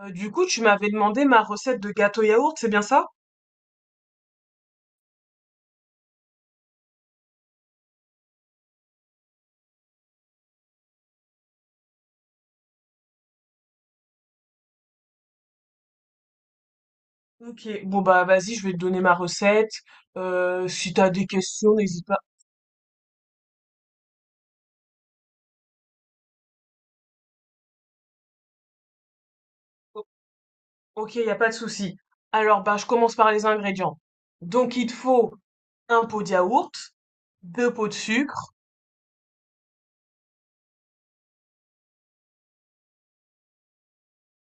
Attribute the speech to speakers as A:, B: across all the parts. A: Tu m'avais demandé ma recette de gâteau yaourt, c'est bien ça? Ok, bon bah vas-y, je vais te donner ma recette. Si t'as des questions, n'hésite pas. O- Ok, y a pas de souci. Alors bah je commence par les ingrédients. Donc il te faut un pot de yaourt, deux pots de sucre.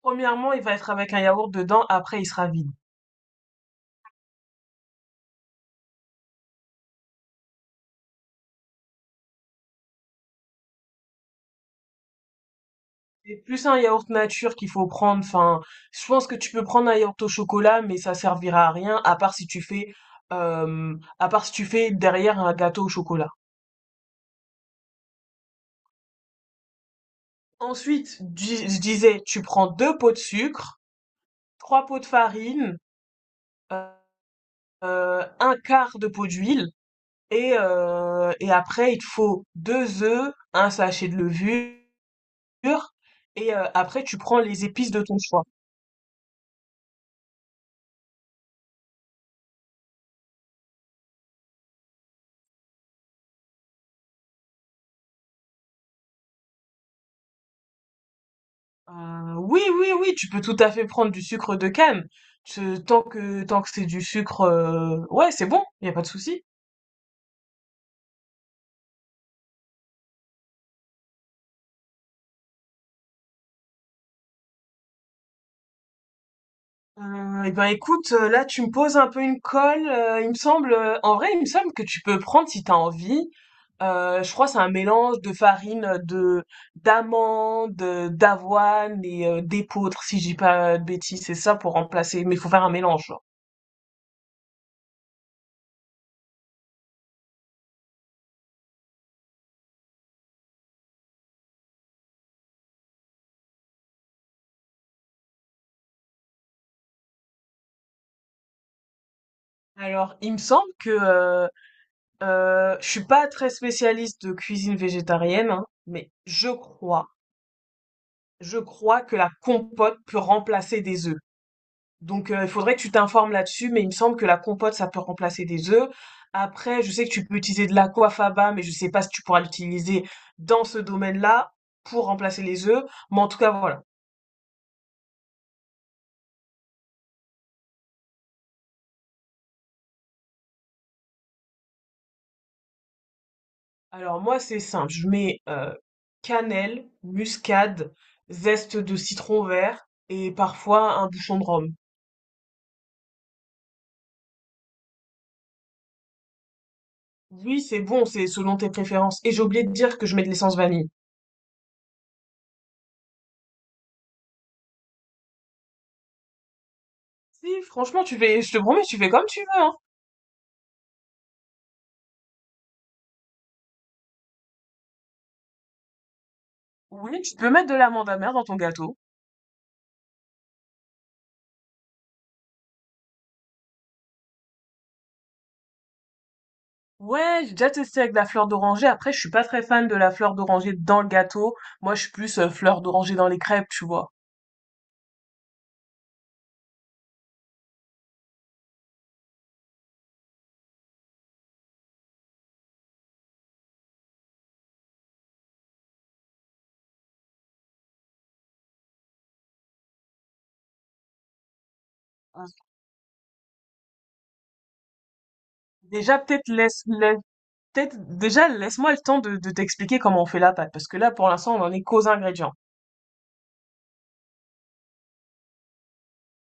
A: Premièrement, il va être avec un yaourt dedans, après il sera vide. C'est plus un yaourt nature qu'il faut prendre. Enfin, je pense que tu peux prendre un yaourt au chocolat, mais ça servira à rien, à part si tu fais derrière un gâteau au chocolat. Ensuite, je disais, tu prends deux pots de sucre, trois pots de farine, euh, un quart de pot d'huile, et après, il te faut deux œufs, un sachet de levure, et après tu prends les épices de ton choix. Oui, oui, oui, tu peux tout à fait prendre du sucre de canne. Ce tant que c'est du sucre, ouais, c'est bon, il y a pas de souci. Eh ben écoute, là tu me poses un peu une colle. Il me semble, en vrai, il me semble que tu peux prendre si t'as envie. Je crois que c'est un mélange de farine de d'amandes, d'avoine et d'épeautre, si je dis pas de bêtises. C'est ça pour remplacer. Mais il faut faire un mélange. Genre. Alors, il me semble que je suis pas très spécialiste de cuisine végétarienne, hein, mais je crois que la compote peut remplacer des œufs. Donc, il faudrait que tu t'informes là-dessus, mais il me semble que la compote, ça peut remplacer des œufs. Après, je sais que tu peux utiliser de l'aquafaba, mais je sais pas si tu pourras l'utiliser dans ce domaine-là pour remplacer les œufs. Mais en tout cas, voilà. Alors, moi, c'est simple. Je mets cannelle, muscade, zeste de citron vert et parfois un bouchon de rhum. Oui, c'est bon, c'est selon tes préférences. Et j'ai oublié de dire que je mets de l'essence vanille. Si, franchement, tu fais, je te promets, tu fais comme tu veux, hein. Oui, tu peux mettre de l'amande amère dans ton gâteau. Ouais, j'ai déjà testé avec la fleur d'oranger. Après, je suis pas très fan de la fleur d'oranger dans le gâteau. Moi, je suis plus fleur d'oranger dans les crêpes, tu vois. Ah. Déjà, peut-être laisse, laisse- peut-être déjà laisse-moi le temps de t'expliquer comment on fait la pâte, parce que là, pour l'instant, on en est qu'aux ingrédients.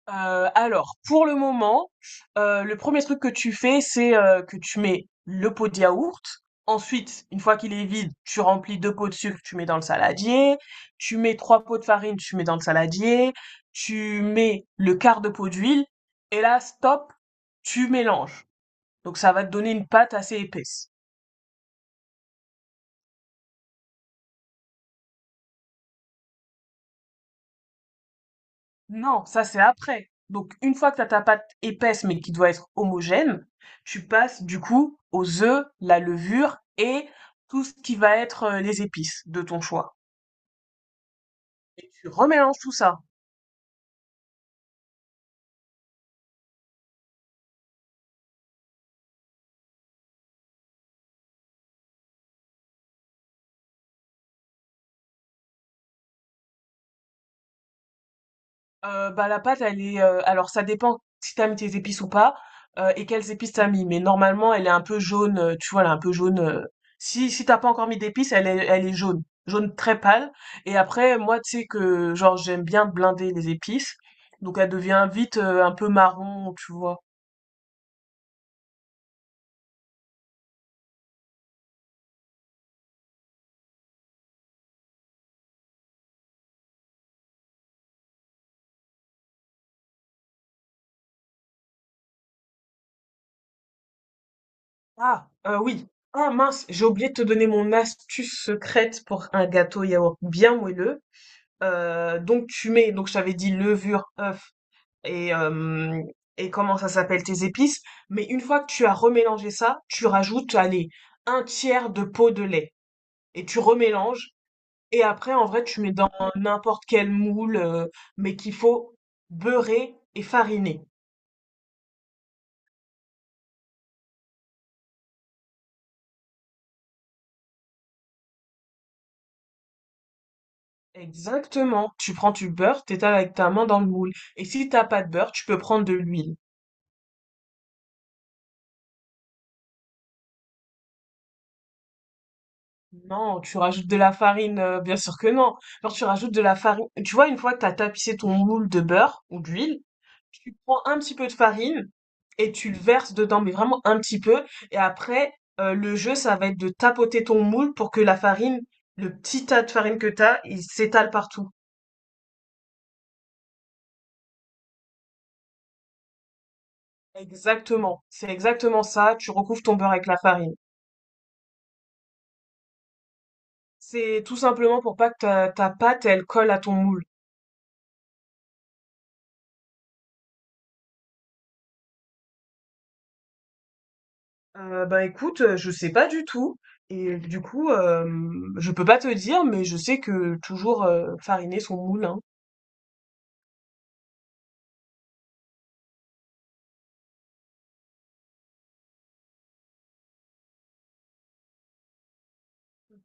A: Alors pour le moment, le premier truc que tu fais, c'est que tu mets le pot de yaourt. Ensuite, une fois qu'il est vide, tu remplis 2 pots de sucre, tu mets dans le saladier. Tu mets 3 pots de farine, tu mets dans le saladier. Tu mets le quart de pot d'huile et là, stop, tu mélanges. Donc ça va te donner une pâte assez épaisse. Non, ça c'est après. Donc une fois que tu as ta pâte épaisse mais qui doit être homogène, tu passes du coup aux œufs, la levure et tout ce qui va être les épices de ton choix. Et tu remélanges tout ça. Bah la pâte elle est alors ça dépend si t'as mis tes épices ou pas, et quelles épices t'as mis, mais normalement elle est un peu jaune, tu vois elle est un peu jaune, si t'as pas encore mis d'épices elle est jaune jaune très pâle. Et après moi tu sais que genre j'aime bien blinder les épices, donc elle devient vite un peu marron, tu vois. Oui. Ah mince, j'ai oublié de te donner mon astuce secrète pour un gâteau yaourt bien moelleux. Donc tu mets donc j'avais dit levure œuf et et comment ça s'appelle, tes épices. Mais une fois que tu as remélangé ça, tu rajoutes, allez, un tiers de pot de lait et tu remélanges. Et après, en vrai, tu mets dans n'importe quel moule, mais qu'il faut beurrer et fariner. Exactement. Tu prends du beurre, t'étales avec ta main dans le moule. Et si t'as pas de beurre, tu peux prendre de l'huile. Non, tu rajoutes de la farine, bien sûr que non. Genre, tu rajoutes de la farine. Tu vois, une fois que tu as tapissé ton moule de beurre ou d'huile, tu prends un petit peu de farine et tu le verses dedans, mais vraiment un petit peu. Et après, le jeu, ça va être de tapoter ton moule pour que le petit tas de farine que tu as, il s'étale partout. Exactement. C'est exactement ça. Tu recouvres ton beurre avec la farine. C'est tout simplement pour pas que ta pâte, elle colle à ton moule. Bah, écoute, je sais pas du tout et du coup, je peux pas te dire, mais je sais que toujours, fariner son moule, hein.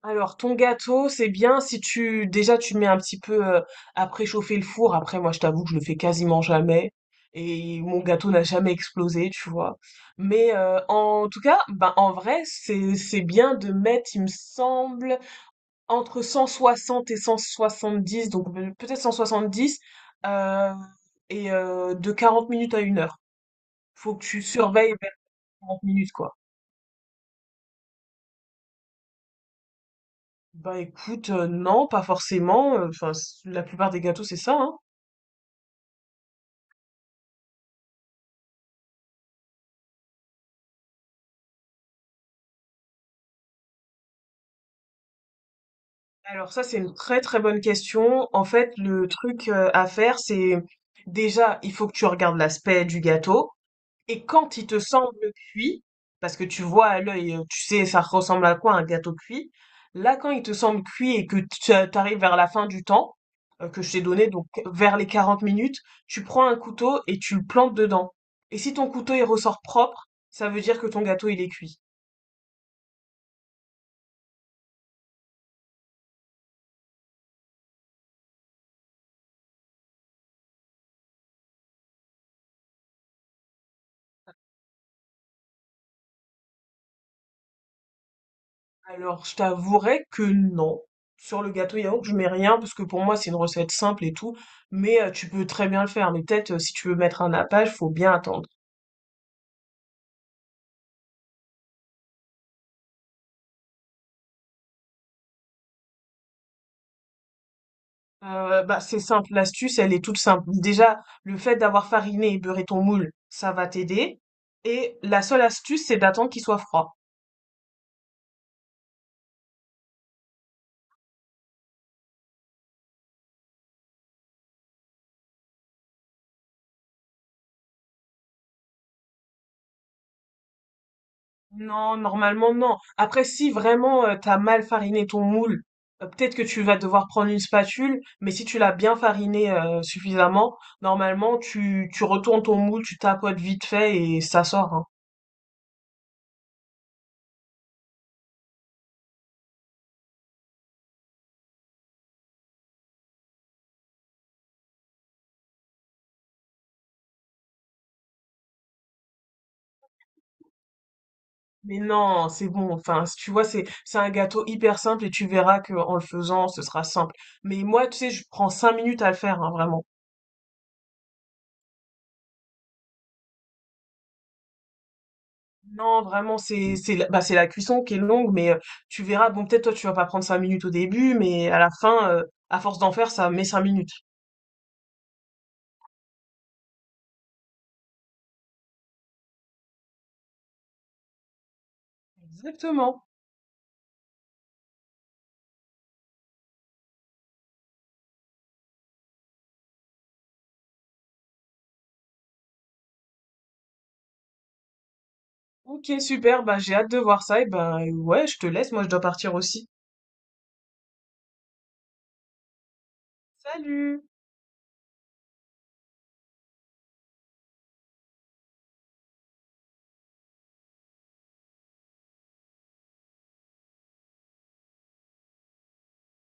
A: Alors ton gâteau, c'est bien si tu mets un petit peu, à préchauffer le four. Après moi, je t'avoue que je le fais quasiment jamais et mon gâteau n'a jamais explosé, tu vois? Mais, en tout cas, ben, en vrai, c'est bien de mettre, il me semble, entre 160 et 170, donc peut-être 170, euh, et de 40 minutes à une heure. Faut que tu surveilles vers 40 minutes, quoi. Bah écoute, non, pas forcément. Enfin, la plupart des gâteaux, c'est ça, hein. Alors ça, c'est une très très bonne question. En fait, le truc à faire, c'est déjà, il faut que tu regardes l'aspect du gâteau. Et quand il te semble cuit, parce que tu vois à l'œil, tu sais, ça ressemble à quoi un gâteau cuit, là, quand il te semble cuit et que tu arrives vers la fin du temps, que je t'ai donné, donc vers les 40 minutes, tu prends un couteau et tu le plantes dedans. Et si ton couteau, il ressort propre, ça veut dire que ton gâteau, il est cuit. Alors, je t'avouerai que non. Sur le gâteau yaourt, je mets rien, parce que pour moi, c'est une recette simple et tout, mais tu peux très bien le faire. Mais peut-être, si tu veux mettre un nappage, faut bien attendre. Bah, c'est simple, l'astuce, elle est toute simple. Déjà, le fait d'avoir fariné et beurré ton moule, ça va t'aider. Et la seule astuce, c'est d'attendre qu'il soit froid. Non, normalement non. Après, si vraiment t'as mal fariné ton moule, peut-être que tu vas devoir prendre une spatule, mais si tu l'as bien fariné suffisamment, normalement tu retournes ton moule, tu tapotes vite fait et ça sort, hein. Mais non, c'est bon. Enfin, tu vois, c'est un gâteau hyper simple et tu verras que en le faisant, ce sera simple. Mais moi, tu sais, je prends 5 minutes à le faire, hein, vraiment. Non, vraiment, c'est la cuisson qui est longue, mais tu verras, bon, peut-être toi, tu vas pas prendre 5 minutes au début, mais à la fin, à force d'en faire, ça met 5 minutes. Exactement. Ok, super, bah, j'ai hâte de voir ça, et ben ouais, je te laisse, moi, je dois partir aussi. Salut!